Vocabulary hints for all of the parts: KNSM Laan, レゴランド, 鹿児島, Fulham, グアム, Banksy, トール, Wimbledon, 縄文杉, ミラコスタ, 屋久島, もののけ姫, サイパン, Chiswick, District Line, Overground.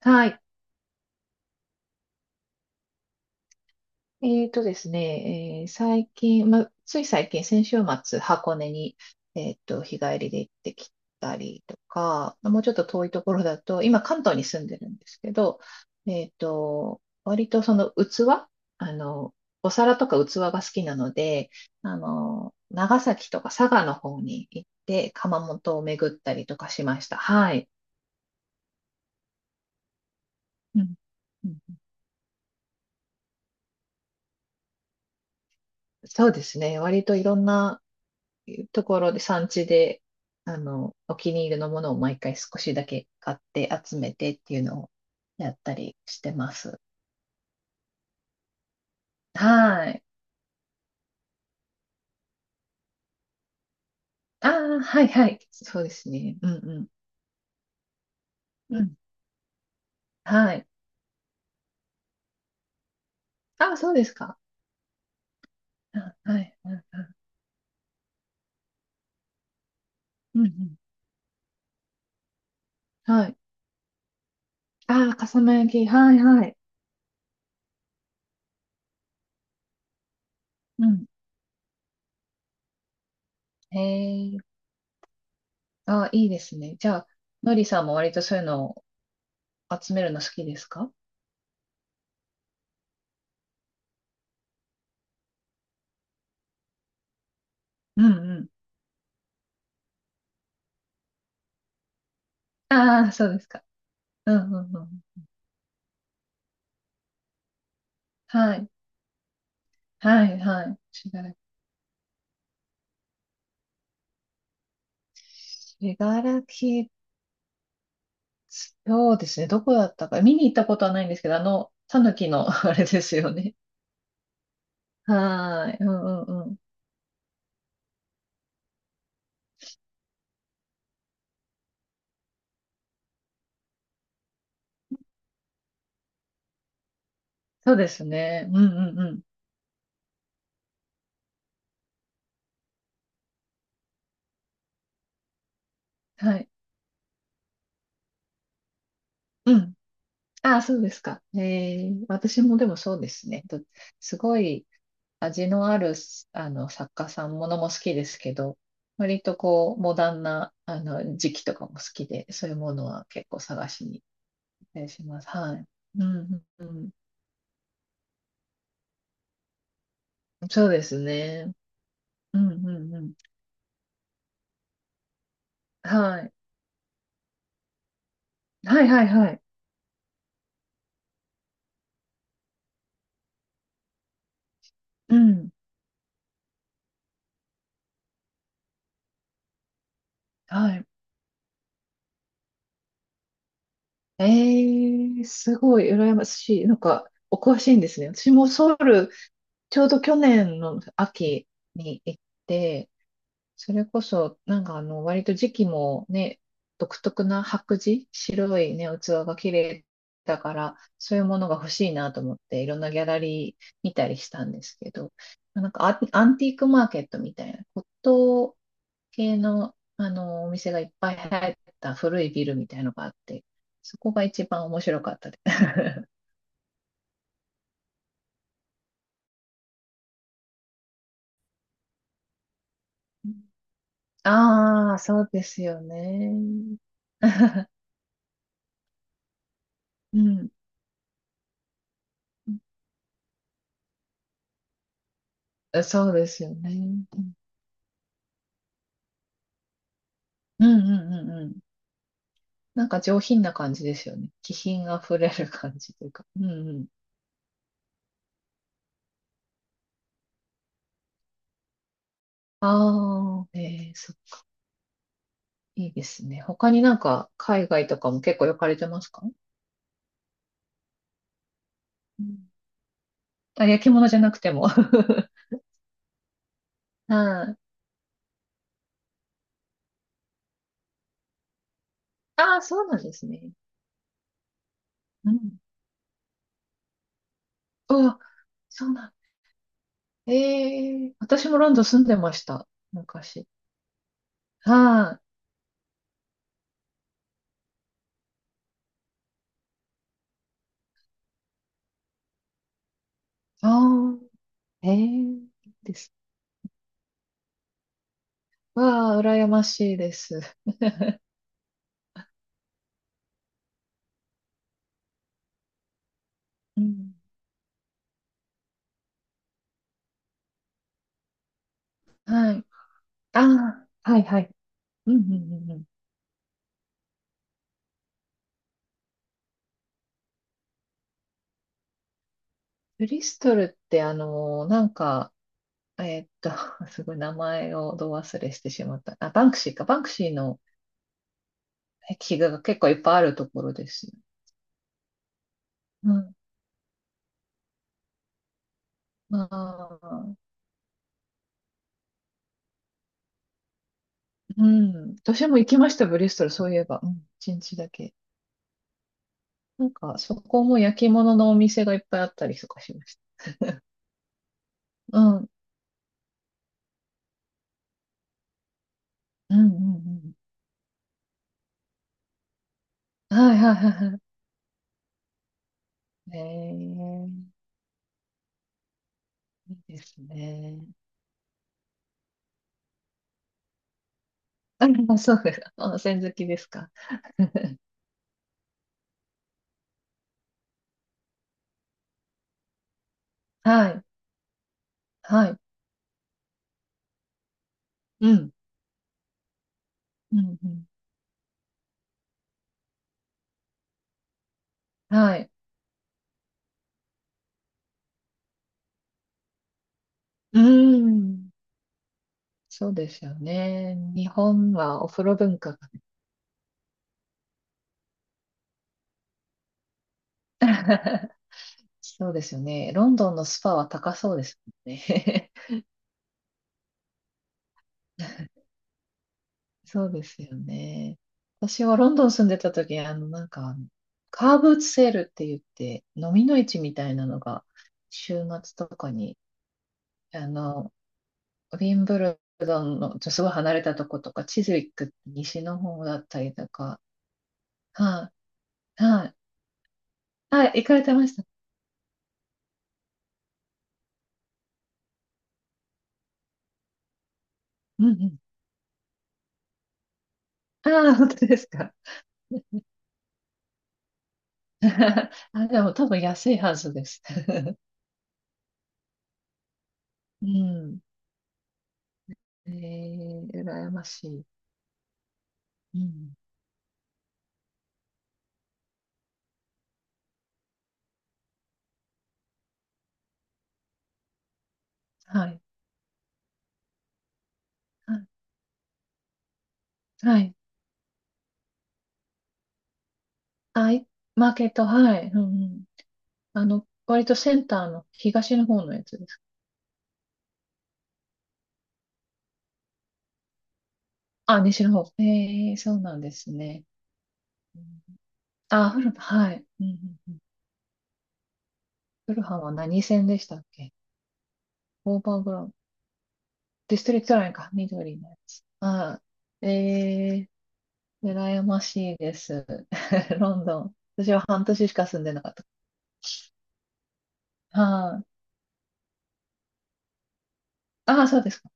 はい。えーとですね、最近、ま、つい最近、先週末、箱根に、日帰りで行ってきたりとか、もうちょっと遠いところだと、今、関東に住んでるんですけど、割とその器、あの、お皿とか器が好きなので、長崎とか佐賀の方に行って、窯元を巡ったりとかしました。はい。うんうん、そうですね。割といろんなところで産地で、お気に入りのものを毎回少しだけ買って集めてっていうのをやったりしてます。はい。ああ、はいはい。そうですね。うんうん。うん。はい。ああ、そうですか。あ、はい。うんうん。うんうん、はい。ああ、笠間焼き。はいはい。うん。へえ。ああ、いいですね。じゃあ、のりさんも割とそういうのを集めるの好きですか？うんうん。ああ、そうですか。うんうんうん。はい。はいはい。信楽、信楽、そうですね。どこだったか。見に行ったことはないんですけど、タヌキの あれですよね。はーい。うんうんうん。そうですね。うんうんうん。はい。うん。ああ、そうですか。私もでもそうですね。と、すごい味のある、作家さんものも好きですけど、割とこう、モダンな、時期とかも好きで、そういうものは結構探しに行ったりします。はい。うんうんうん。そうですね。うんうんうん。はい。はいはいはい。うん。はい。えすごい羨ましい。なんか、お詳しいんですね。私もソウル、ちょうど去年の秋に行って、それこそ、なんか割と時期もね、独特な白磁、白いね、器が綺麗だから、そういうものが欲しいなと思って、いろんなギャラリー見たりしたんですけど、なんかアンティークマーケットみたいなこと系の、お店がいっぱい入った古いビルみたいのがあって、そこが一番面白かったです。ああ、そうですよね。うん。そうですよね。うんうんうんうんうん。なんか上品な感じですよね。気品あふれる感じというか。うんうん。ああ、いいですね。他になんか海外とかも結構行かれてますか？うん。あ、焼き物じゃなくても。はい。ああ、そうなんですね。うん。あ、そうなん。ええ、私もロンドン住んでました。昔。はい。ああ、ええです。わあ、羨ましいです。うん。はい。ああ、はいはい。うんうんうんうん。ブリストルって、なんか、えーっと、すごい名前をど忘れしてしまった。あ、バンクシーか。バンクシーの壁画が結構いっぱいあるところですよ。うん。ああ、うん。私も行きました、ブリストル、そういえば。うん、一日だけ。なんか、そこも焼き物のお店がいっぱいあったりとかしました。うん。うんうんうん。はいはいはいはい。ええ、いいですね。あ、そうです。温泉好きですか？はい。はい。うん。うんうん。はい。うん。そうですよね。日本はお風呂文化がね。そうですよね。ロンドンのスパは高そうですもんね。そうですよね。私はロンドン住んでた時、なんか、カーブーツセールって言って、飲みの市みたいなのが、週末とかに、あの、ウィンブルドンの、すごい離れたとことか、チズウィック西の方だったりとか、はい、はい、はい、行かれてました。うんうん。ああ、本当ですか。あ、でも多分安いはずです。うん。羨ましい。うん。はい、はい、はい。あ、い、マーケット、はい。うんうん。割とセンターの東の方のやつです。あ、西の方。ええ、そうなんですね。うん、あ、はい。うんうんうん、フルハンは何線でしたっけ？オーバーグラウンド。ディストリクトラインか。緑のやつ。あ、ええ、羨ましいです。ロンドン。私は半年しか住んでなかった。はい。ああ、そうですか。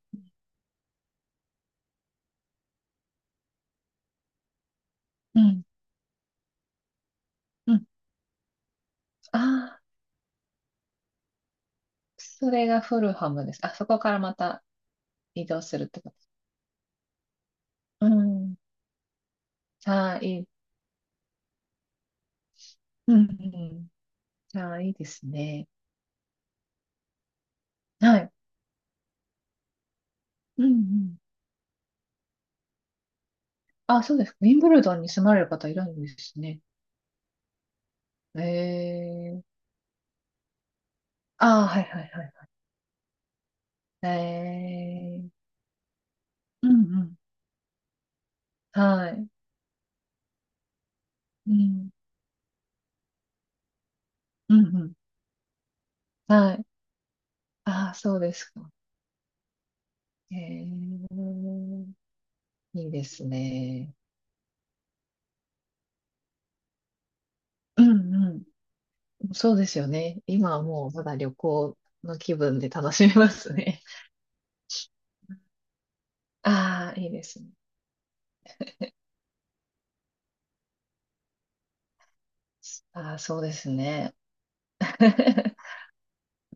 うん。うん。ああ、それがフルハムです。あ、そこからまた移動するってこと？うん。ああ、いい。うんうん、じゃあ、いいですね。はい。うんうん、あ、そうですか。ウィンブルドンに住まれる方いるんですね。ええ、ああ、はいはいはい。ええ、うんうん、はい。うんうんうん、はい。ああ、そうですか。ええ、いいですね。うんうん、そうですよね。今はもうまだ旅行の気分で楽しめますね。ああ、いいですね。ああ、そうですね。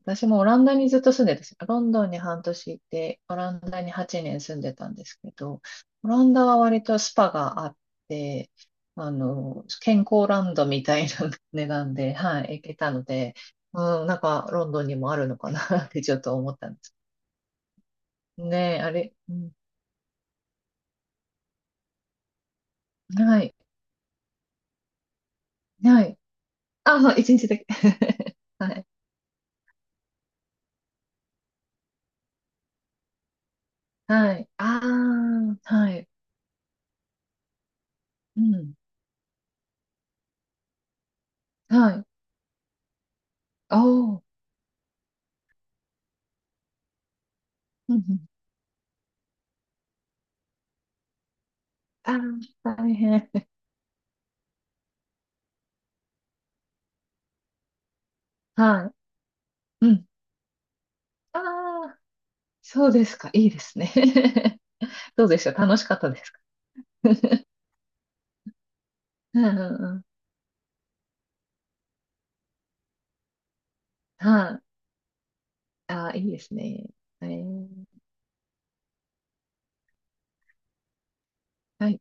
私もオランダにずっと住んでたし、ロンドンに半年いて、オランダに8年住んでたんですけど、オランダは割とスパがあって、健康ランドみたいな 値段で、はい、行けたので、うん、なんかロンドンにもあるのかな ってちょっと思ったんです。ねえ、あれ、うん、はい、はい。あ、そう一日だけ。はい、はい。ああ、はい、うん、はい。おー、うん、うん。ああ、大変。はい。うん、ああ、そうですか。いいですね。どうでしょう。楽しかったですか？ うんうんうん。はい。ああ、いいですね。えー、はい。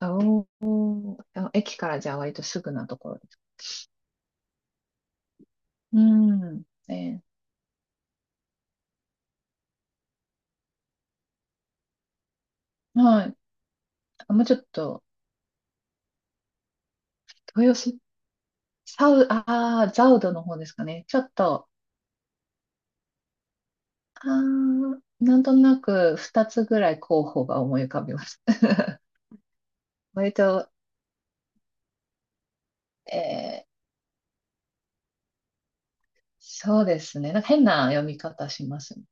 あお、あ、駅からじゃあ割とすぐなところです。うん。えはい。あ、もうちょっと、豊洲、ああ、ザウドの方ですかね？ちょっと、ああ、なんとなく2つぐらい候補が思い浮かびます。割と、えー、そうですね。なんか変な読み方しますね。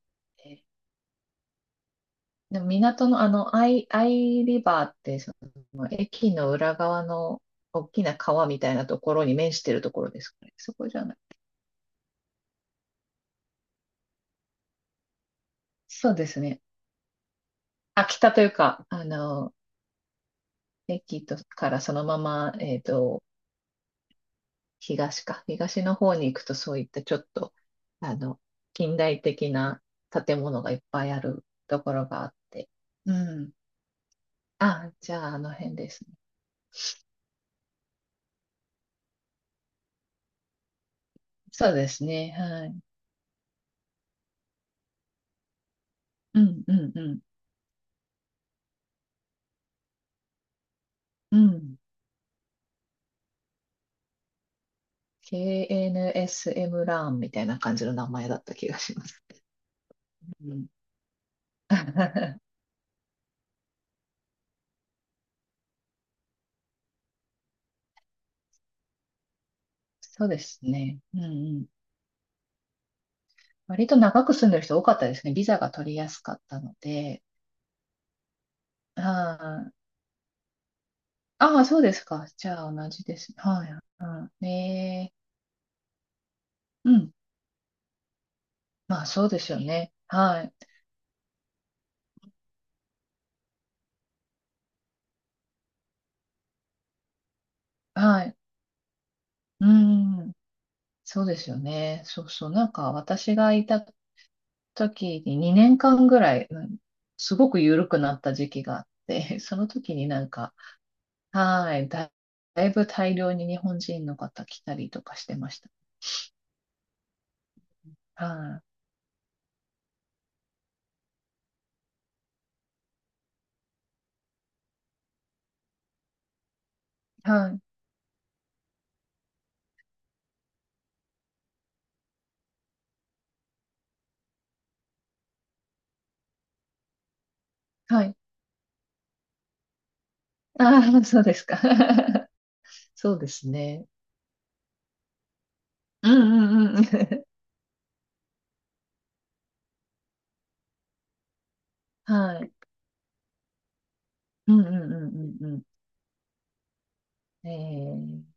でも港のアイリバーって、その駅の裏側の大きな川みたいなところに面してるところですかね？そこじゃない？そうですね。あ、北というか、駅とからそのまま、東か。東の方に行くとそういったちょっと、あの、近代的な建物がいっぱいあるところがあって。うん。あ、じゃああの辺ですね。そうですね。はい。うん、うん、うん。うん。KNSM ラーンみたいな感じの名前だった気がします。うん、そうですね。うんうん。割と長く住んでる人多かったですね。ビザが取りやすかったので。ああああ、そうですか。じゃあ同じです。はい。はい。ねえ。うん。まあ、そうですよね。はい。はい。うん。そうですよね。そうそう。なんか私がいた時に2年間ぐらい、うん、すごく緩くなった時期があって、その時になんか、はい。だいぶ大量に日本人の方来たりとかしてました。はい。はい。はい。ああ、そうですか。そうですね。うんうんうん。はい。うんうんうんうんうん。ええ